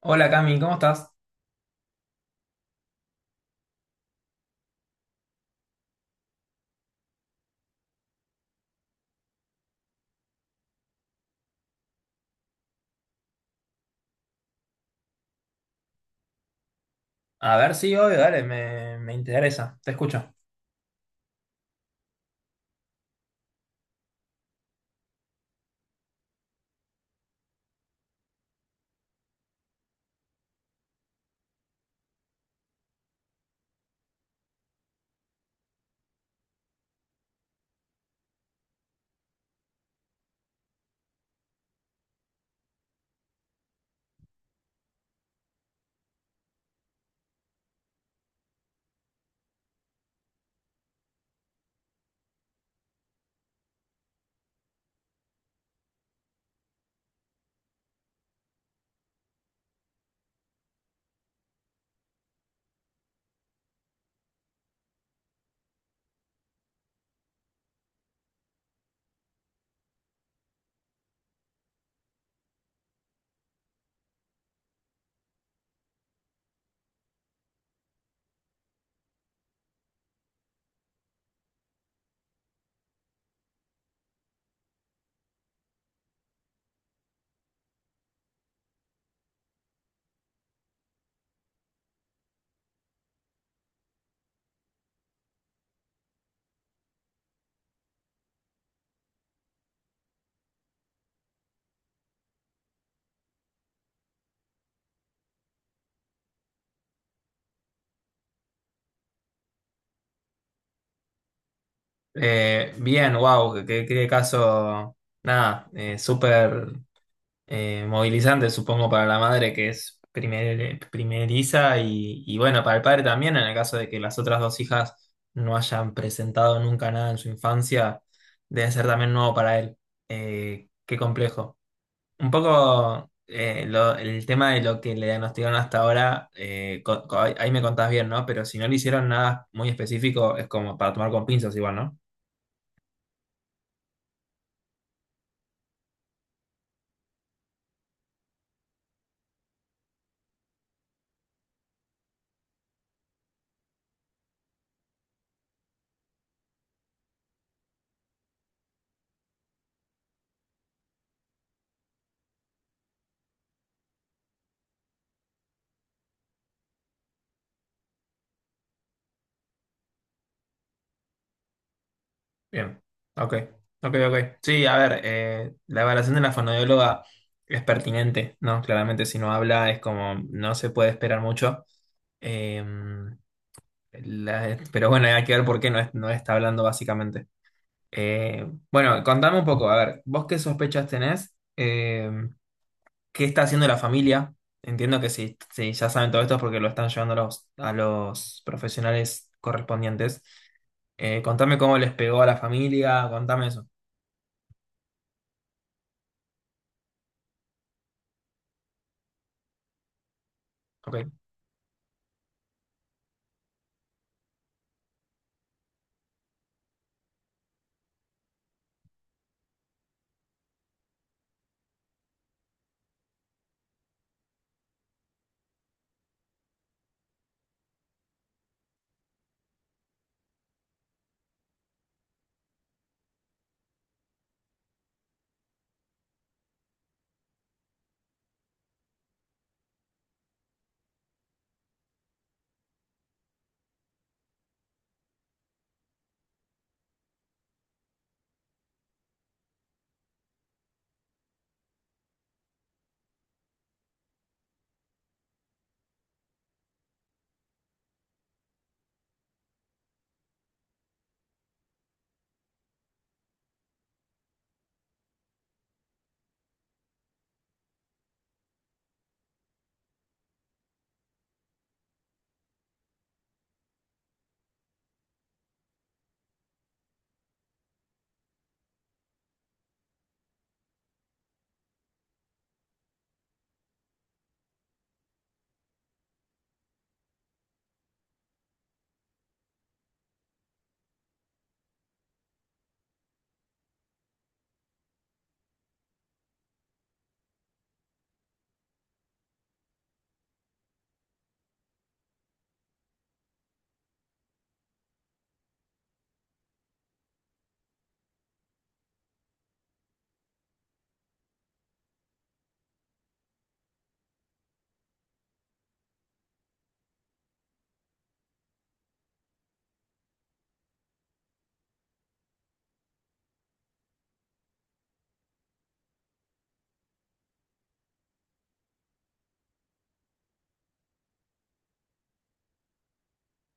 Hola Cami, ¿cómo estás? A ver, sí, obvio, dale, me interesa, te escucho. Bien, wow, qué caso, nada, súper movilizante, supongo, para la madre que es primeriza y bueno, para el padre también, en el caso de que las otras dos hijas no hayan presentado nunca nada en su infancia, debe ser también nuevo para él. Qué complejo. Un poco el tema de lo que le diagnosticaron hasta ahora, ahí me contás bien, ¿no? Pero si no le hicieron nada muy específico, es como para tomar con pinzas igual, ¿no? Bien. Ok, ok, ok. Sí, a ver, la evaluación de la fonoaudióloga es pertinente, ¿no? Claramente, si no habla, es como no se puede esperar mucho. Em, pero bueno, hay que ver por qué no, no está hablando básicamente. Eh, bueno, contame un poco, a ver, ¿vos qué sospechas tenés? Qué está haciendo la familia. Entiendo que, si ya saben todo esto es porque lo están llevando a los profesionales correspondientes. Contame cómo les pegó a la familia, contame eso. Ok,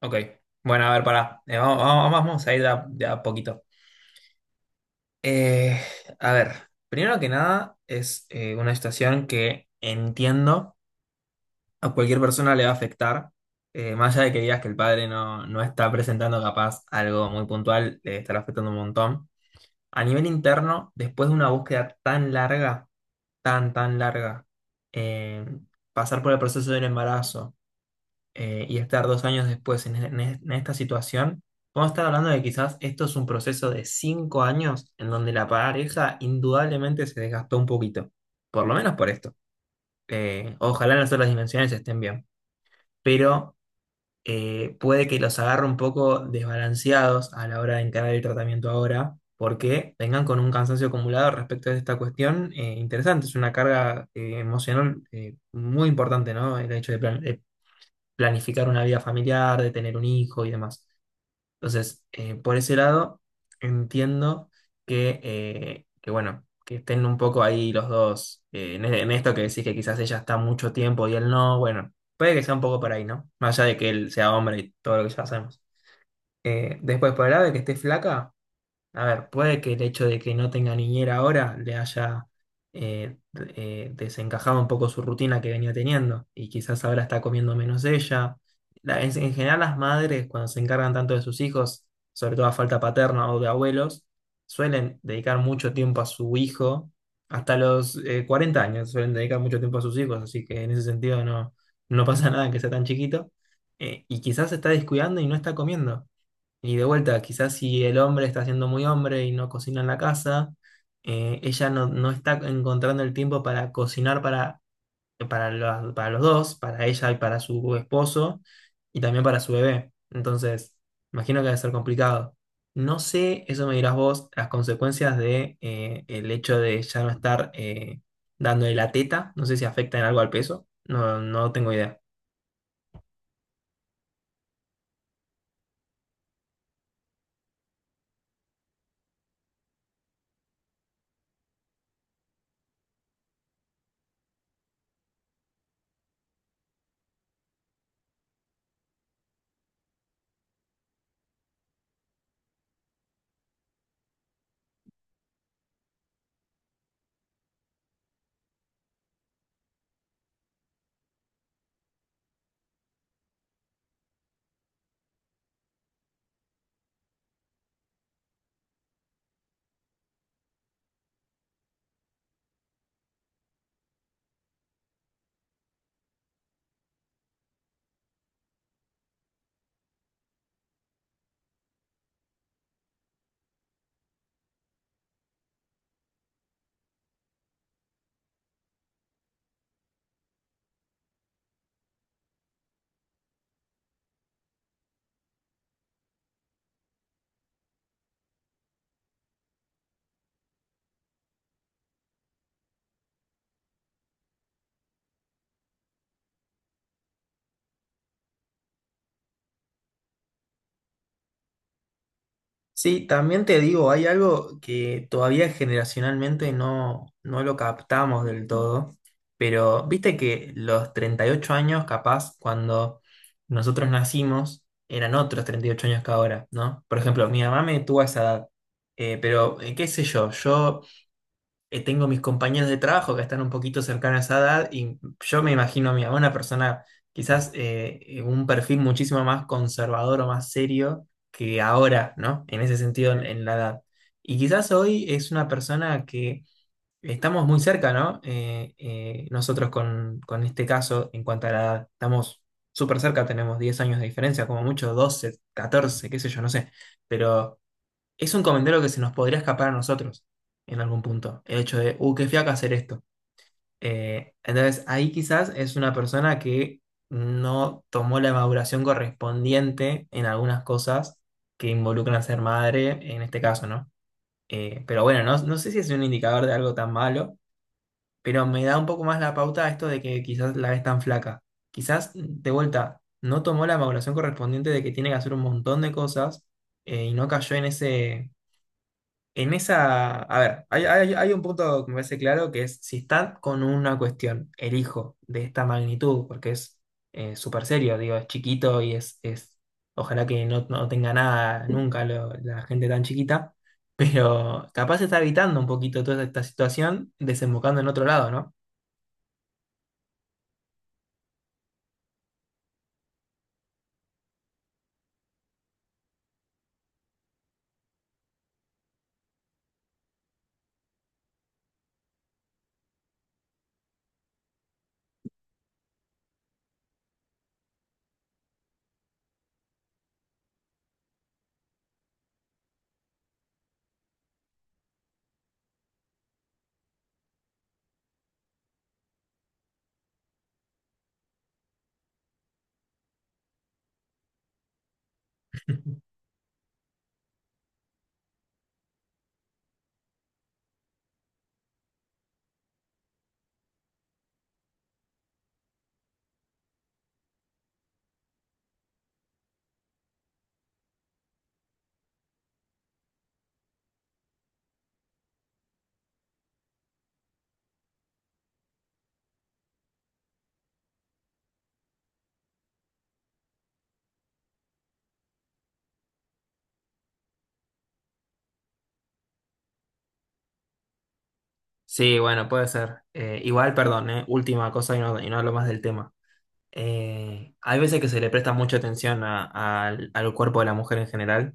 ok. Bueno, a ver, pará. Vamos a ir de a poquito. Eh, a ver, primero que nada es una situación que entiendo a cualquier persona le va a afectar, más allá de que digas que el padre no está presentando capaz algo muy puntual, le estará afectando un montón. A nivel interno, después de una búsqueda tan larga, tan, tan larga, eh, pasar por el proceso del embarazo y estar 2 años después en esta situación, podemos estar hablando de que quizás esto es un proceso de 5 años en donde la pareja indudablemente se desgastó un poquito, por lo menos por esto. Ojalá en las otras dimensiones estén bien, pero puede que los agarre un poco desbalanceados a la hora de encarar el tratamiento ahora, porque vengan con un cansancio acumulado respecto a esta cuestión interesante. Es una carga emocional muy importante, ¿no? El hecho de de planificar una vida familiar, de tener un hijo y demás. Entonces, por ese lado, entiendo que, bueno, que estén un poco ahí los dos en esto que decís que quizás ella está mucho tiempo y él no, bueno, puede que sea un poco por ahí, ¿no? Más allá de que él sea hombre y todo lo que ya sabemos. Después, por el lado de que esté flaca. A ver, puede que el hecho de que no tenga niñera ahora le haya desencajado un poco su rutina que venía teniendo y quizás ahora está comiendo menos ella. En general, las madres, cuando se encargan tanto de sus hijos, sobre todo a falta paterna o de abuelos, suelen dedicar mucho tiempo a su hijo. Hasta los 40 años suelen dedicar mucho tiempo a sus hijos, así que en ese sentido no pasa nada que sea tan chiquito. Y quizás se está descuidando y no está comiendo. Y de vuelta, quizás si el hombre está siendo muy hombre y no cocina en la casa, ella no está encontrando el tiempo para cocinar para los dos, para ella y para su esposo, y también para su bebé. Entonces, imagino que debe ser complicado. No sé, eso me dirás vos, las consecuencias de el hecho de ya no estar dándole la teta. No sé si afecta en algo al peso. No, no tengo idea. Sí, también te digo, hay algo que todavía generacionalmente no lo captamos del todo, pero viste que los 38 años, capaz, cuando nosotros nacimos, eran otros 38 años que ahora, ¿no? Por ejemplo, mi mamá me tuvo a esa edad, pero qué sé yo, yo tengo mis compañeros de trabajo que están un poquito cercanos a esa edad y yo me imagino a mí, a una persona quizás un perfil muchísimo más conservador o más serio que ahora, ¿no? En ese sentido, en la edad. Y quizás hoy es una persona que estamos muy cerca, ¿no? Nosotros con este caso, en cuanto a la edad, estamos súper cerca, tenemos 10 años de diferencia, como mucho 12 14, qué sé yo, no sé, pero es un comentario que se nos podría escapar a nosotros en algún punto. El hecho de, qué fiaca hacer esto. Entonces, ahí quizás es una persona que no tomó la maduración correspondiente en algunas cosas que involucran a ser madre, en este caso, ¿no? Pero bueno, no sé si es un indicador de algo tan malo, pero me da un poco más la pauta esto de que quizás la ves tan flaca. Quizás, de vuelta, no tomó la maduración correspondiente de que tiene que hacer un montón de cosas y no cayó en ese en esa, a ver, hay un punto que me parece claro, que es si estás con una cuestión, el hijo de esta magnitud, porque es súper serio, digo, es chiquito y es, ojalá que no tenga nada nunca la gente tan chiquita, pero capaz está evitando un poquito toda esta situación, desembocando en otro lado, ¿no? Sí, bueno, puede ser. Igual, perdón, última cosa y no hablo más del tema. Hay veces que se le presta mucha atención al cuerpo de la mujer en general.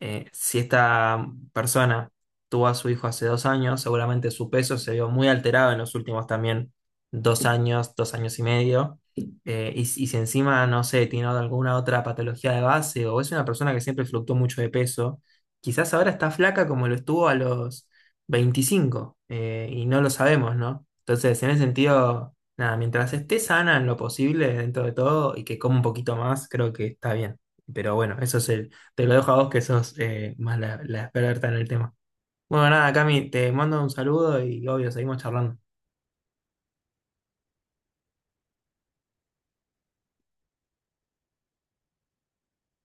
Si esta persona tuvo a su hijo hace 2 años, seguramente su peso se vio muy alterado en los últimos también 2 años, 2 años y medio. Y si encima, no sé, tiene alguna otra patología de base o es una persona que siempre fluctuó mucho de peso, quizás ahora está flaca como lo estuvo a los 25 y no lo sabemos, ¿no? Entonces, en ese sentido... Nada, mientras esté sana en lo posible dentro de todo y que coma un poquito más, creo que está bien. Pero bueno, eso es el, te lo dejo a vos que sos más la experta en el tema. Bueno, nada, Cami, te mando un saludo y obvio, seguimos charlando.